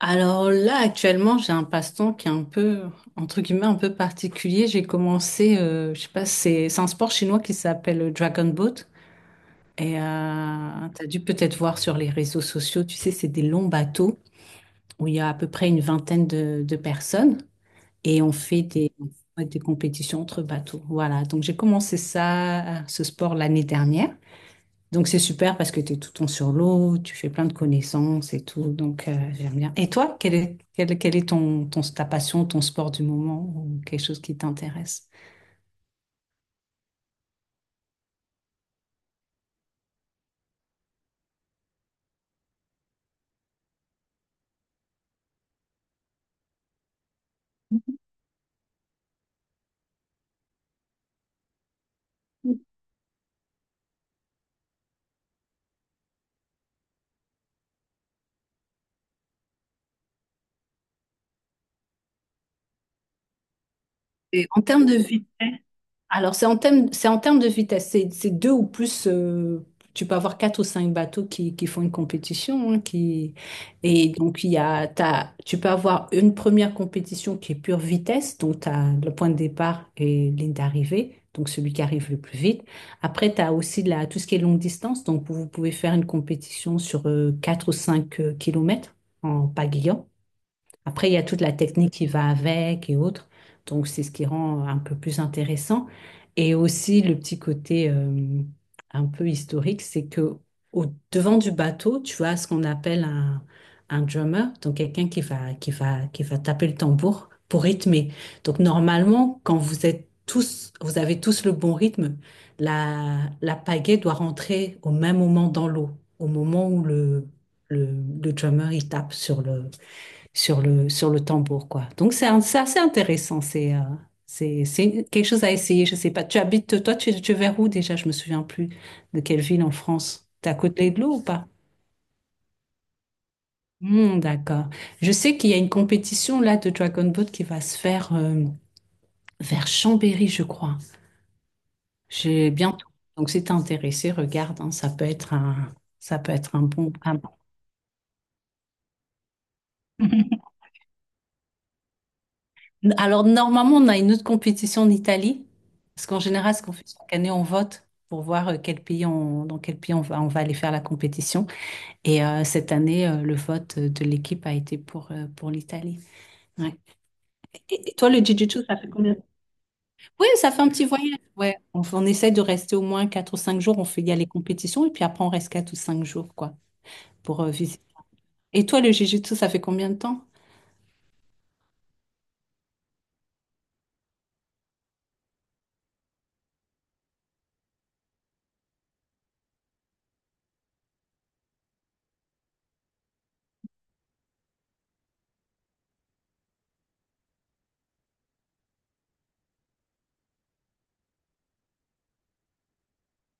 Alors là, actuellement, j'ai un passe-temps qui est un peu, entre guillemets, un peu particulier. J'ai commencé, je sais pas, c'est un sport chinois qui s'appelle le Dragon Boat. Et t'as dû peut-être voir sur les réseaux sociaux, tu sais, c'est des longs bateaux où il y a à peu près une vingtaine de personnes et on fait des compétitions entre bateaux. Voilà, donc j'ai commencé ça, ce sport l'année dernière. Donc c'est super parce que tu es tout le temps sur l'eau, tu fais plein de connaissances et tout. Donc j'aime bien. Et toi, quel est ta passion, ton sport du moment ou quelque chose qui t'intéresse? Et en termes de vitesse. Alors, c'est en termes de vitesse. C'est deux ou plus. Tu peux avoir quatre ou cinq bateaux qui font une compétition, hein, qui... Et donc, il y a, t'as- tu peux avoir une première compétition qui est pure vitesse, donc tu as le point de départ et ligne d'arrivée, donc celui qui arrive le plus vite. Après, tu as aussi tout ce qui est longue distance, donc vous pouvez faire une compétition sur quatre ou cinq kilomètres en pagayant. Après, il y a toute la technique qui va avec et autres. Donc, c'est ce qui rend un peu plus intéressant. Et aussi, le petit côté un peu historique, c'est que au devant du bateau, tu as ce qu'on appelle un drummer, donc quelqu'un qui va taper le tambour pour rythmer. Donc, normalement, quand vous êtes tous, vous avez tous le bon rythme, la pagaie doit rentrer au même moment dans l'eau, au moment où le, le drummer il tape sur le tambour, quoi. Donc, c'est assez intéressant. C'est quelque chose à essayer. Je sais pas. Tu habites, toi, tu es vers où déjà? Je me souviens plus de quelle ville en France. T'es à côté de l'eau ou pas? Hmm, d'accord. Je sais qu'il y a une compétition là de Dragon Boat qui va se faire vers Chambéry, je crois. J'ai bientôt. Donc, si t'es intéressé, regarde, hein, ça peut être un bon. Alors, normalement, on a une autre compétition en Italie, parce qu'en général, ce qu'on fait chaque année, on vote pour voir dans quel pays on va aller faire la compétition. Et cette année, le vote de l'équipe a été pour l'Italie. Ouais. Et toi, le Jiu-Jitsu, ça fait combien? Oui, ça fait un petit voyage. Ouais. On essaie de rester au moins 4 ou 5 jours. Il y a les compétitions, et puis après, on reste 4 ou 5 jours, quoi, pour visiter. Et toi, le Jiu-Jitsu, ça fait combien de temps?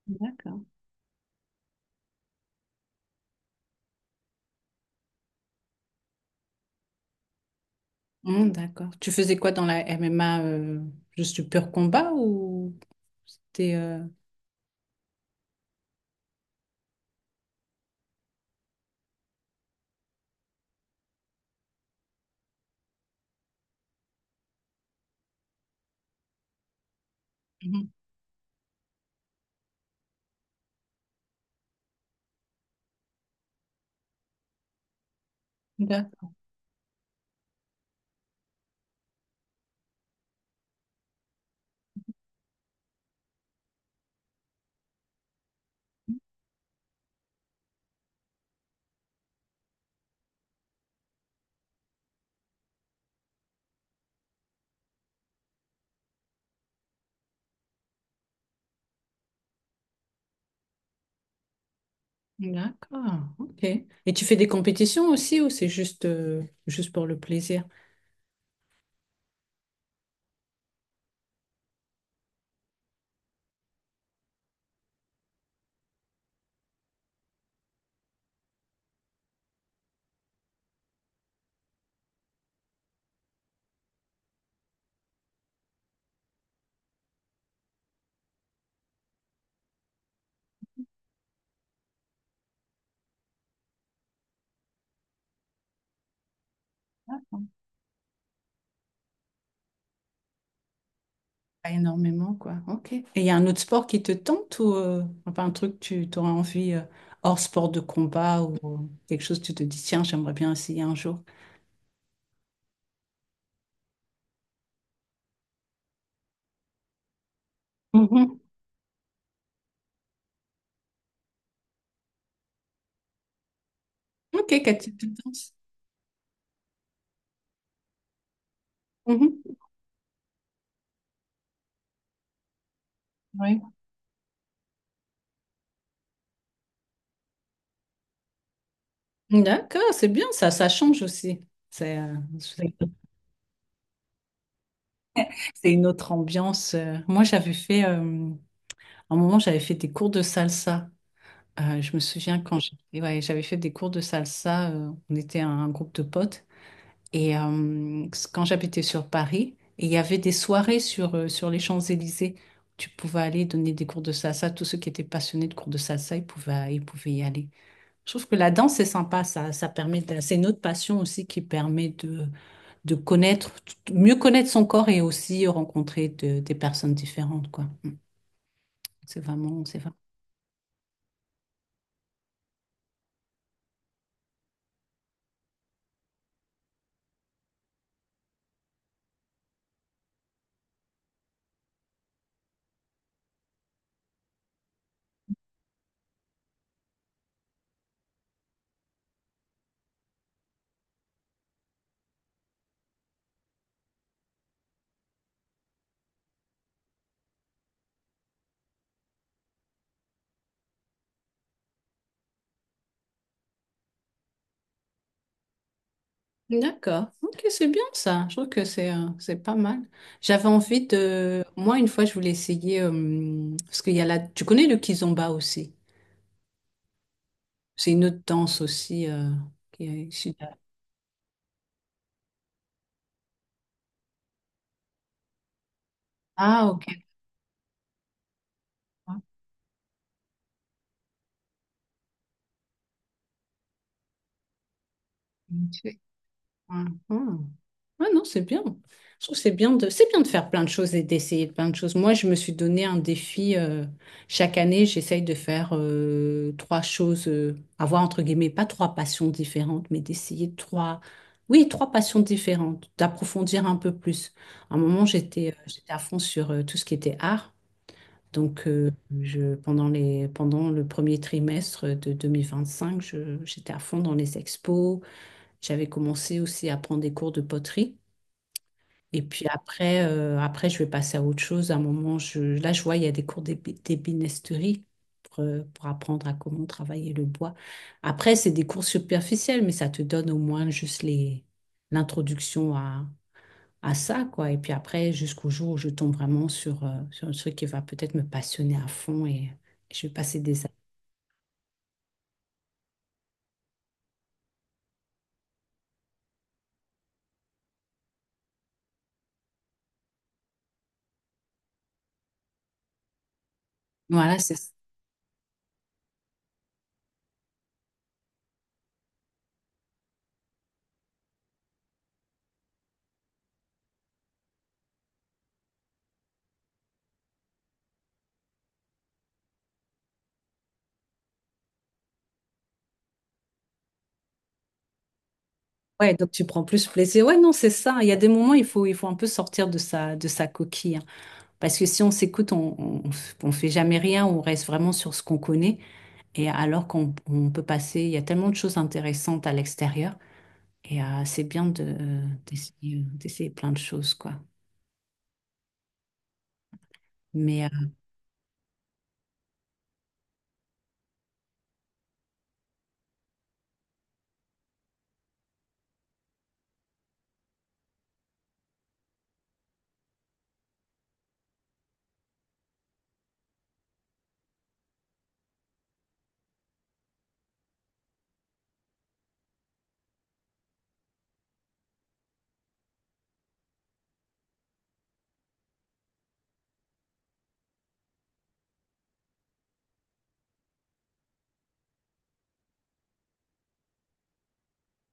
D'accord. D'accord. Tu faisais quoi dans la MMA juste du pur combat ou c'était Mhm. D'accord. D'accord. Ok. Et tu fais des compétitions aussi ou c'est juste pour le plaisir? Pas énormément quoi. Ok. Et il y a un autre sport qui te tente ou enfin un truc que tu aurais envie hors sport de combat ou quelque chose que tu te dis tiens j'aimerais bien essayer un jour. Mhm. Ok. Quel type de danse? Mhm. Oui. D'accord. C'est bien ça. Ça change aussi. C'est euh, c'est- C'est une autre ambiance. Moi, à un moment, j'avais fait des cours de salsa. Je me souviens et ouais, j'avais fait des cours de salsa, on était un groupe de potes. Et quand j'habitais sur Paris, et il y avait des soirées sur les Champs-Élysées. Tu pouvais aller donner des cours de salsa. Tous ceux qui étaient passionnés de cours de salsa, ils pouvaient y aller. Je trouve que la danse, c'est sympa. Ça, c'est une autre passion aussi qui permet de connaître, mieux connaître son corps et aussi rencontrer des personnes différentes, quoi. C'est vraiment. D'accord. Ok, c'est bien ça. Je trouve que c'est pas mal. Moi une fois je voulais essayer parce qu'il y a tu connais le kizomba aussi. C'est une autre danse aussi qui est issue de- Ah ok. Mhm. Ouais, non, c'est bien. Je trouve que c'est bien de faire plein de choses et d'essayer plein de choses. Moi, je me suis donné un défi. Chaque année, j'essaye de faire trois choses, avoir entre guillemets, pas trois passions différentes, mais d'essayer trois, oui, trois passions différentes, d'approfondir un peu plus. À un moment, j'étais à fond sur tout ce qui était art. Donc, pendant pendant le premier trimestre de 2025 j'étais à fond dans les expos. J'avais commencé aussi à prendre des cours de poterie. Et puis après, je vais passer à autre chose. À un moment, là, je vois, il y a des cours d'ébénisterie pour apprendre à comment travailler le bois. Après, c'est des cours superficiels, mais ça te donne au moins juste l'introduction à ça, quoi. Et puis après, jusqu'au jour où je tombe vraiment sur un truc qui va peut-être me passionner à fond et je vais passer des années. Voilà, c'est. Ouais, donc tu prends plus plaisir. Ouais, non, c'est ça. Il y a des moments, il faut un peu sortir de sa coquille, hein. Parce que si on s'écoute, on fait jamais rien, on reste vraiment sur ce qu'on connaît. Et alors qu'on peut passer, il y a tellement de choses intéressantes à l'extérieur. Et c'est bien d'essayer plein de choses, quoi. Mais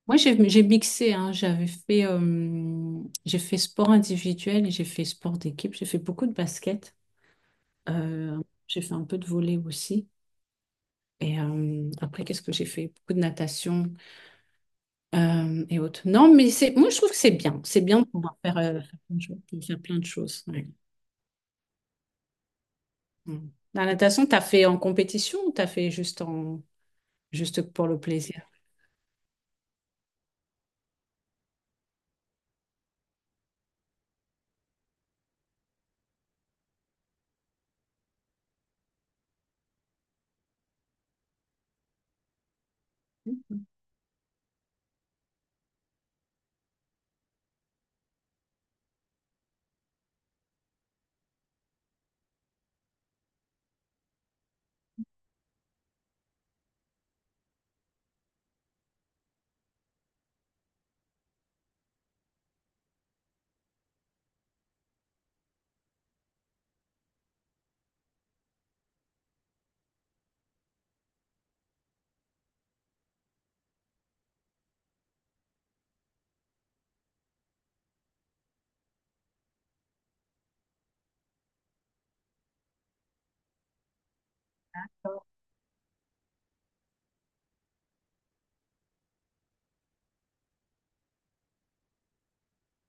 moi, j'ai mixé, hein. J'ai fait sport individuel et j'ai fait sport d'équipe. J'ai fait beaucoup de basket. Euh, j'ai fait un peu de volley aussi. Et après, qu'est-ce que j'ai fait? Beaucoup de natation et autres. Non, mais c'est moi, je trouve que c'est bien. C'est bien de pouvoir faire plein de choses. De faire plein de choses, ouais. Mm. La natation, t'as fait en compétition ou t'as fait juste pour le plaisir?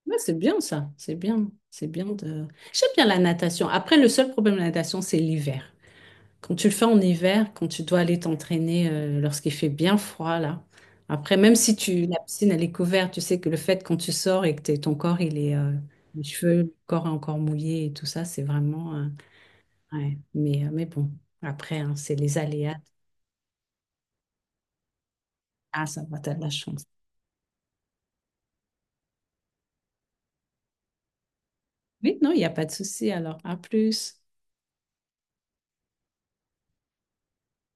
Ouais, c'est bien ça, c'est bien de... J'aime bien la natation. Après, le seul problème de la natation, c'est l'hiver. Quand tu le fais en hiver, quand tu dois aller t'entraîner lorsqu'il fait bien froid, là. Après, même si la piscine, elle est couverte, tu sais que le fait quand tu sors et que ton corps, il est... les cheveux, le corps est encore mouillé et tout ça, c'est vraiment... ouais. Mais bon, après, hein, c'est les aléas. Ah, ça va, t'as de la chance. Oui, non, il n'y a pas de souci, alors. À plus.